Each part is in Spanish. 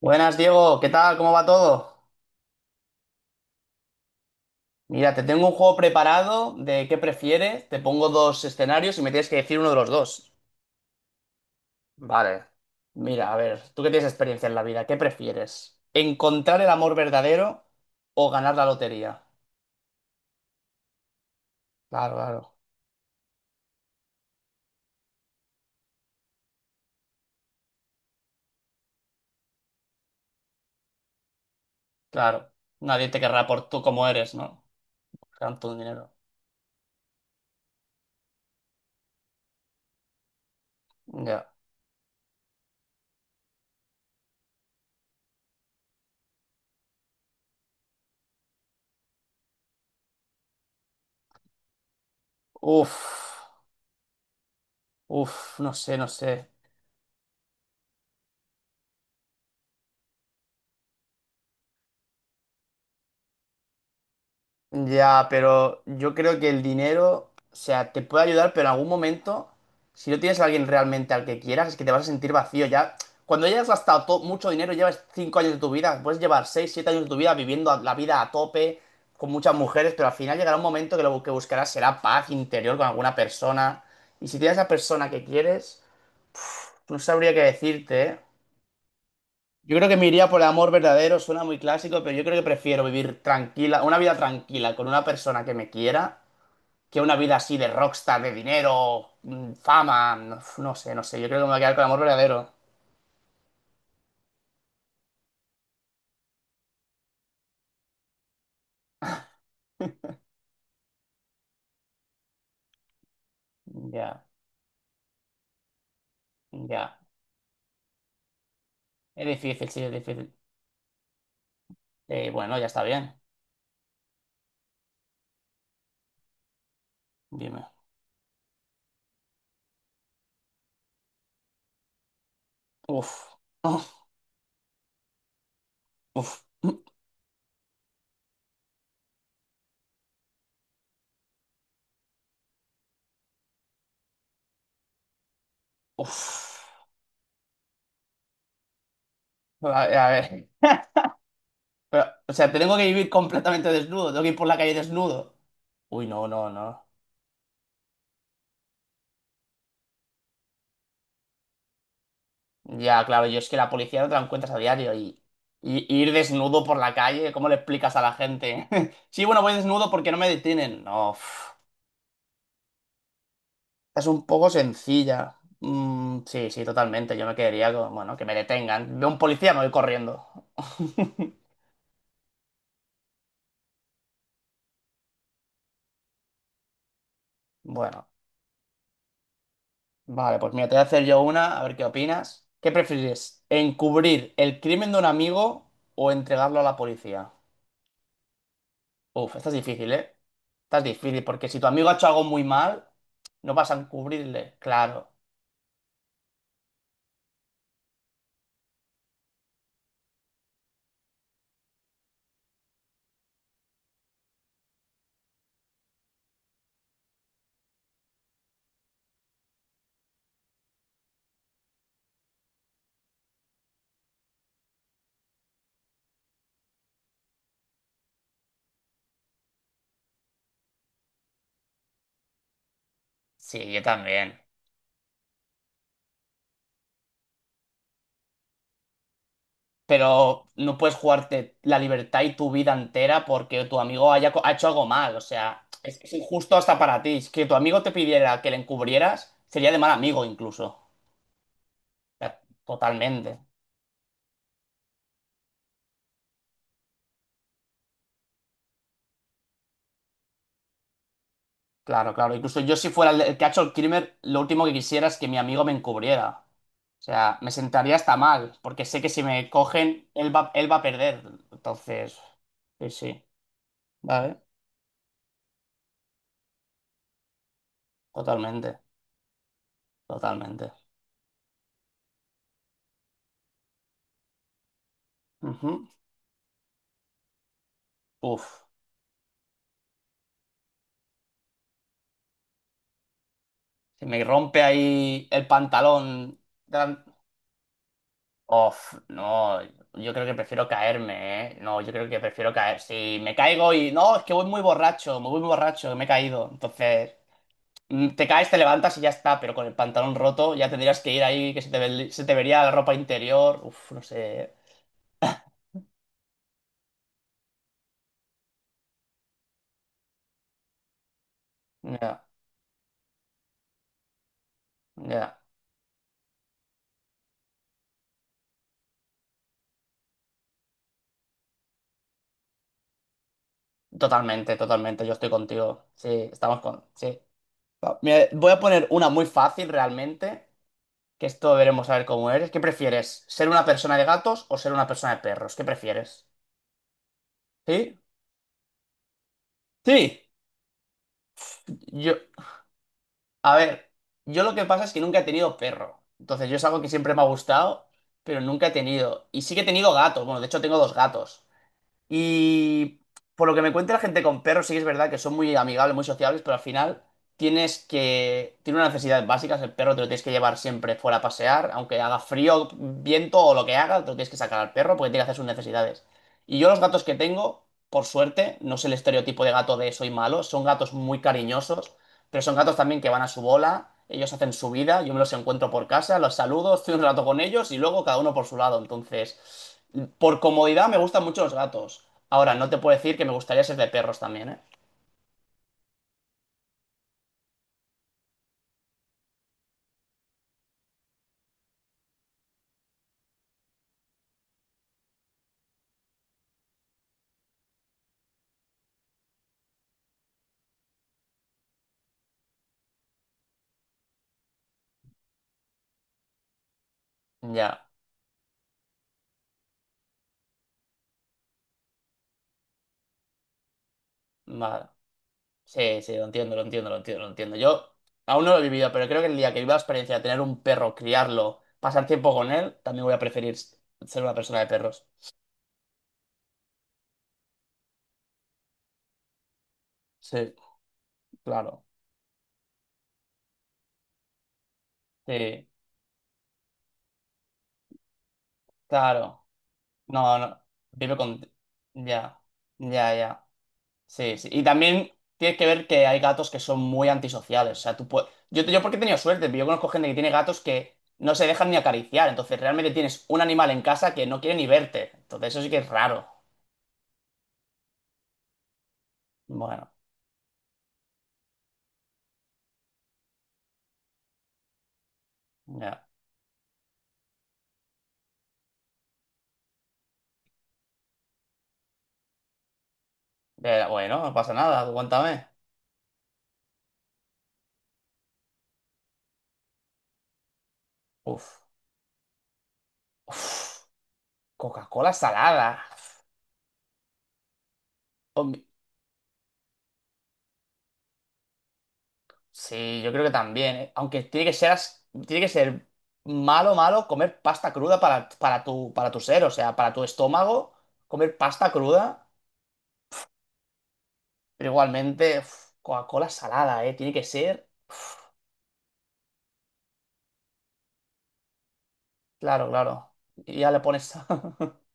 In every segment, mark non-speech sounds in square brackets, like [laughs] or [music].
Buenas, Diego, ¿qué tal? ¿Cómo va todo? Mira, te tengo un juego preparado de qué prefieres. Te pongo dos escenarios y me tienes que decir uno de los dos. Vale. Mira, a ver, tú que tienes experiencia en la vida, ¿qué prefieres? ¿Encontrar el amor verdadero o ganar la lotería? Claro, claro, claro. Nadie te querrá por tú como eres, ¿no? Tanto dinero. Ya. Uf, uf, no sé, no sé. Ya, pero yo creo que el dinero, o sea, te puede ayudar, pero en algún momento, si no tienes a alguien realmente al que quieras, es que te vas a sentir vacío. Ya, cuando hayas gastado mucho dinero, llevas 5 años de tu vida, puedes llevar 6, 7 años de tu vida viviendo la vida a tope, con muchas mujeres, pero al final llegará un momento que lo que buscarás será paz interior con alguna persona. Y si tienes la persona que quieres, no sabría qué decirte, ¿eh? Yo creo que me iría por el amor verdadero, suena muy clásico, pero yo creo que prefiero vivir tranquila, una vida tranquila con una persona que me quiera que una vida así de rockstar, de dinero, fama, no, no sé, no sé. Yo creo que me voy a quedar con el amor verdadero. Ya, ya. Es difícil, sí, es difícil. Bueno, ya está bien. Dime. Uf, uf, uf. Uf. A ver. Pero, o sea, tengo que vivir completamente desnudo. Tengo que ir por la calle desnudo. Uy, no, no, no. Ya, claro, yo es que la policía no te la encuentras a diario y, y ir desnudo por la calle, ¿cómo le explicas a la gente? [laughs] Sí, bueno, voy desnudo porque no me detienen. No, uf. Es un poco sencilla. Mm, sí, sí, totalmente. Yo me quedaría con, bueno, que me detengan. Veo un policía, me voy corriendo. [laughs] Bueno, vale, pues mira, te voy a hacer yo una, a ver qué opinas. ¿Qué prefieres? ¿Encubrir el crimen de un amigo o entregarlo a la policía? Uf, esta es difícil, ¿eh? Esta es difícil, porque si tu amigo ha hecho algo muy mal, no vas a encubrirle. Claro. Sí, yo también. Pero no puedes jugarte la libertad y tu vida entera porque tu amigo haya ha hecho algo mal. O sea, es injusto hasta para ti. Es que tu amigo te pidiera que le encubrieras, sería de mal amigo incluso. O sea, totalmente. Claro, claro. Incluso yo si fuera el que ha hecho el crimen, lo último que quisiera es que mi amigo me encubriera. O sea, me sentaría hasta mal, porque sé que si me cogen, él va a perder. Entonces, sí, sí. Vale, totalmente, totalmente. Ujú. Uf. Si me rompe ahí el pantalón. gran- Uf, no, yo creo que prefiero caerme, ¿eh? No, yo creo que prefiero caer. No, es que voy muy borracho, me voy muy borracho, me he caído. Entonces, te caes, te levantas y ya está, pero con el pantalón roto ya tendrías que ir ahí, que se te vería la ropa interior. Uf, no sé. Ya, ya. Totalmente, totalmente, yo estoy contigo. Sí, sí. Va, mira, voy a poner una muy fácil realmente. Que esto veremos a ver cómo eres. ¿Qué prefieres? ¿Ser una persona de gatos o ser una persona de perros? ¿Qué prefieres? ¿Sí? Sí. Yo, a ver, yo lo que pasa es que nunca he tenido perro. Entonces, yo es algo que siempre me ha gustado, pero nunca he tenido. Y sí que he tenido gatos. Bueno, de hecho, tengo dos gatos. Y por lo que me cuenta la gente con perros, sí que es verdad que son muy amigables, muy sociables, pero al final tiene unas necesidades básicas, el perro te lo tienes que llevar siempre fuera a pasear, aunque haga frío, viento o lo que haga, te lo tienes que sacar al perro porque tiene que hacer sus necesidades. Y yo los gatos que tengo, por suerte, no es el estereotipo de gato de soy malo, son gatos muy cariñosos, pero son gatos también que van a su bola, ellos hacen su vida, yo me los encuentro por casa, los saludo, estoy un rato con ellos y luego cada uno por su lado. Entonces, por comodidad me gustan mucho los gatos. Ahora, no te puedo decir que me gustaría ser de perros también, ¿eh? Ya, vale. Sí, sí, lo entiendo, lo entiendo, lo entiendo, lo entiendo. Yo aún no lo he vivido, pero creo que el día que viva la experiencia de tener un perro, criarlo, pasar tiempo con él, también voy a preferir ser una persona de perros. Sí, claro. Sí, claro. No, no. Vive con... Ya, ya, ya. Sí, sí. Y también tienes que ver que hay gatos que son muy antisociales. O sea, yo porque he tenido suerte, pero yo conozco gente que tiene gatos que no se dejan ni acariciar. Entonces, realmente tienes un animal en casa que no quiere ni verte. Entonces, eso sí que es raro. Bueno, ya. Bueno, no pasa nada, aguántame. Uf. Uf. Coca-Cola salada. Hom- Sí, yo creo que también, ¿eh? Aunque tiene que ser malo, malo comer pasta cruda para tu ser, o sea, para tu estómago, comer pasta cruda. Pero igualmente, uf, Coca-Cola salada, ¿eh? Tiene que ser. Claro, claro. Y ya le pones. [laughs]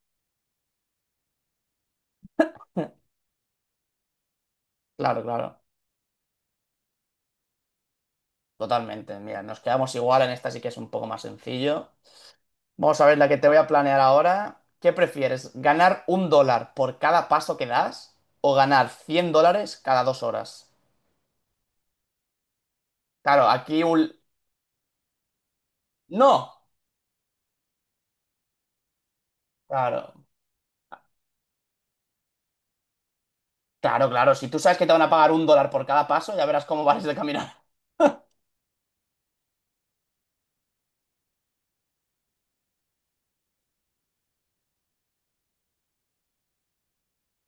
Claro, claro. Totalmente. Mira, nos quedamos igual. En esta sí que es un poco más sencillo. Vamos a ver la que te voy a planear ahora. ¿Qué prefieres? ¿Ganar un dólar por cada paso que das o ganar 100 dólares cada 2 horas? Claro, ¡No! Claro, claro, claro. Si tú sabes que te van a pagar un dólar por cada paso, ya verás cómo [laughs] vas de caminar.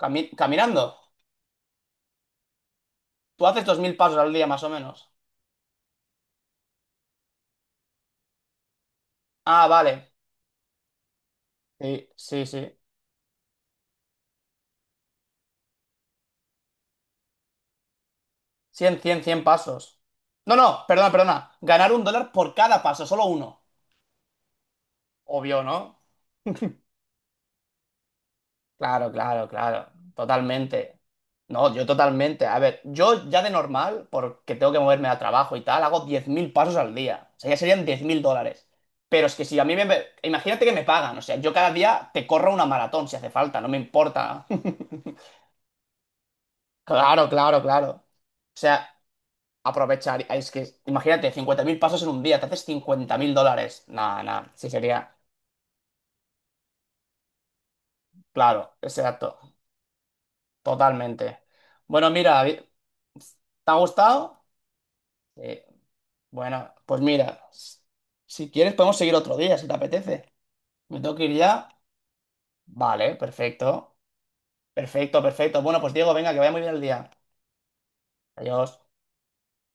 Caminando. Tú haces 2.000 pasos al día más o menos. Ah, vale. Sí, sí, sí. 100, 100, 100 pasos. No, no, perdona, perdona. Ganar un dólar por cada paso, solo uno. Obvio, ¿no? Claro, claro, claro. Totalmente. No, yo totalmente. A ver, yo ya de normal, porque tengo que moverme al trabajo y tal, hago 10.000 pasos al día. O sea, ya serían 10.000 dólares. Pero es que si a mí me... me- Imagínate que me pagan. O sea, yo cada día te corro una maratón si hace falta, no me importa. [laughs] Claro, claro, claro. O sea, aprovechar. Es que, imagínate, 50.000 pasos en un día, te haces 50.000 dólares. Nada, nada, sí sería, claro, exacto, totalmente. Bueno, mira, David, ¿te ha gustado? Sí. Bueno, pues mira, si quieres podemos seguir otro día, si te apetece. ¿Me tengo que ir ya? Vale, perfecto, perfecto, perfecto. Bueno, pues Diego, venga, que vaya muy bien el día. Adiós.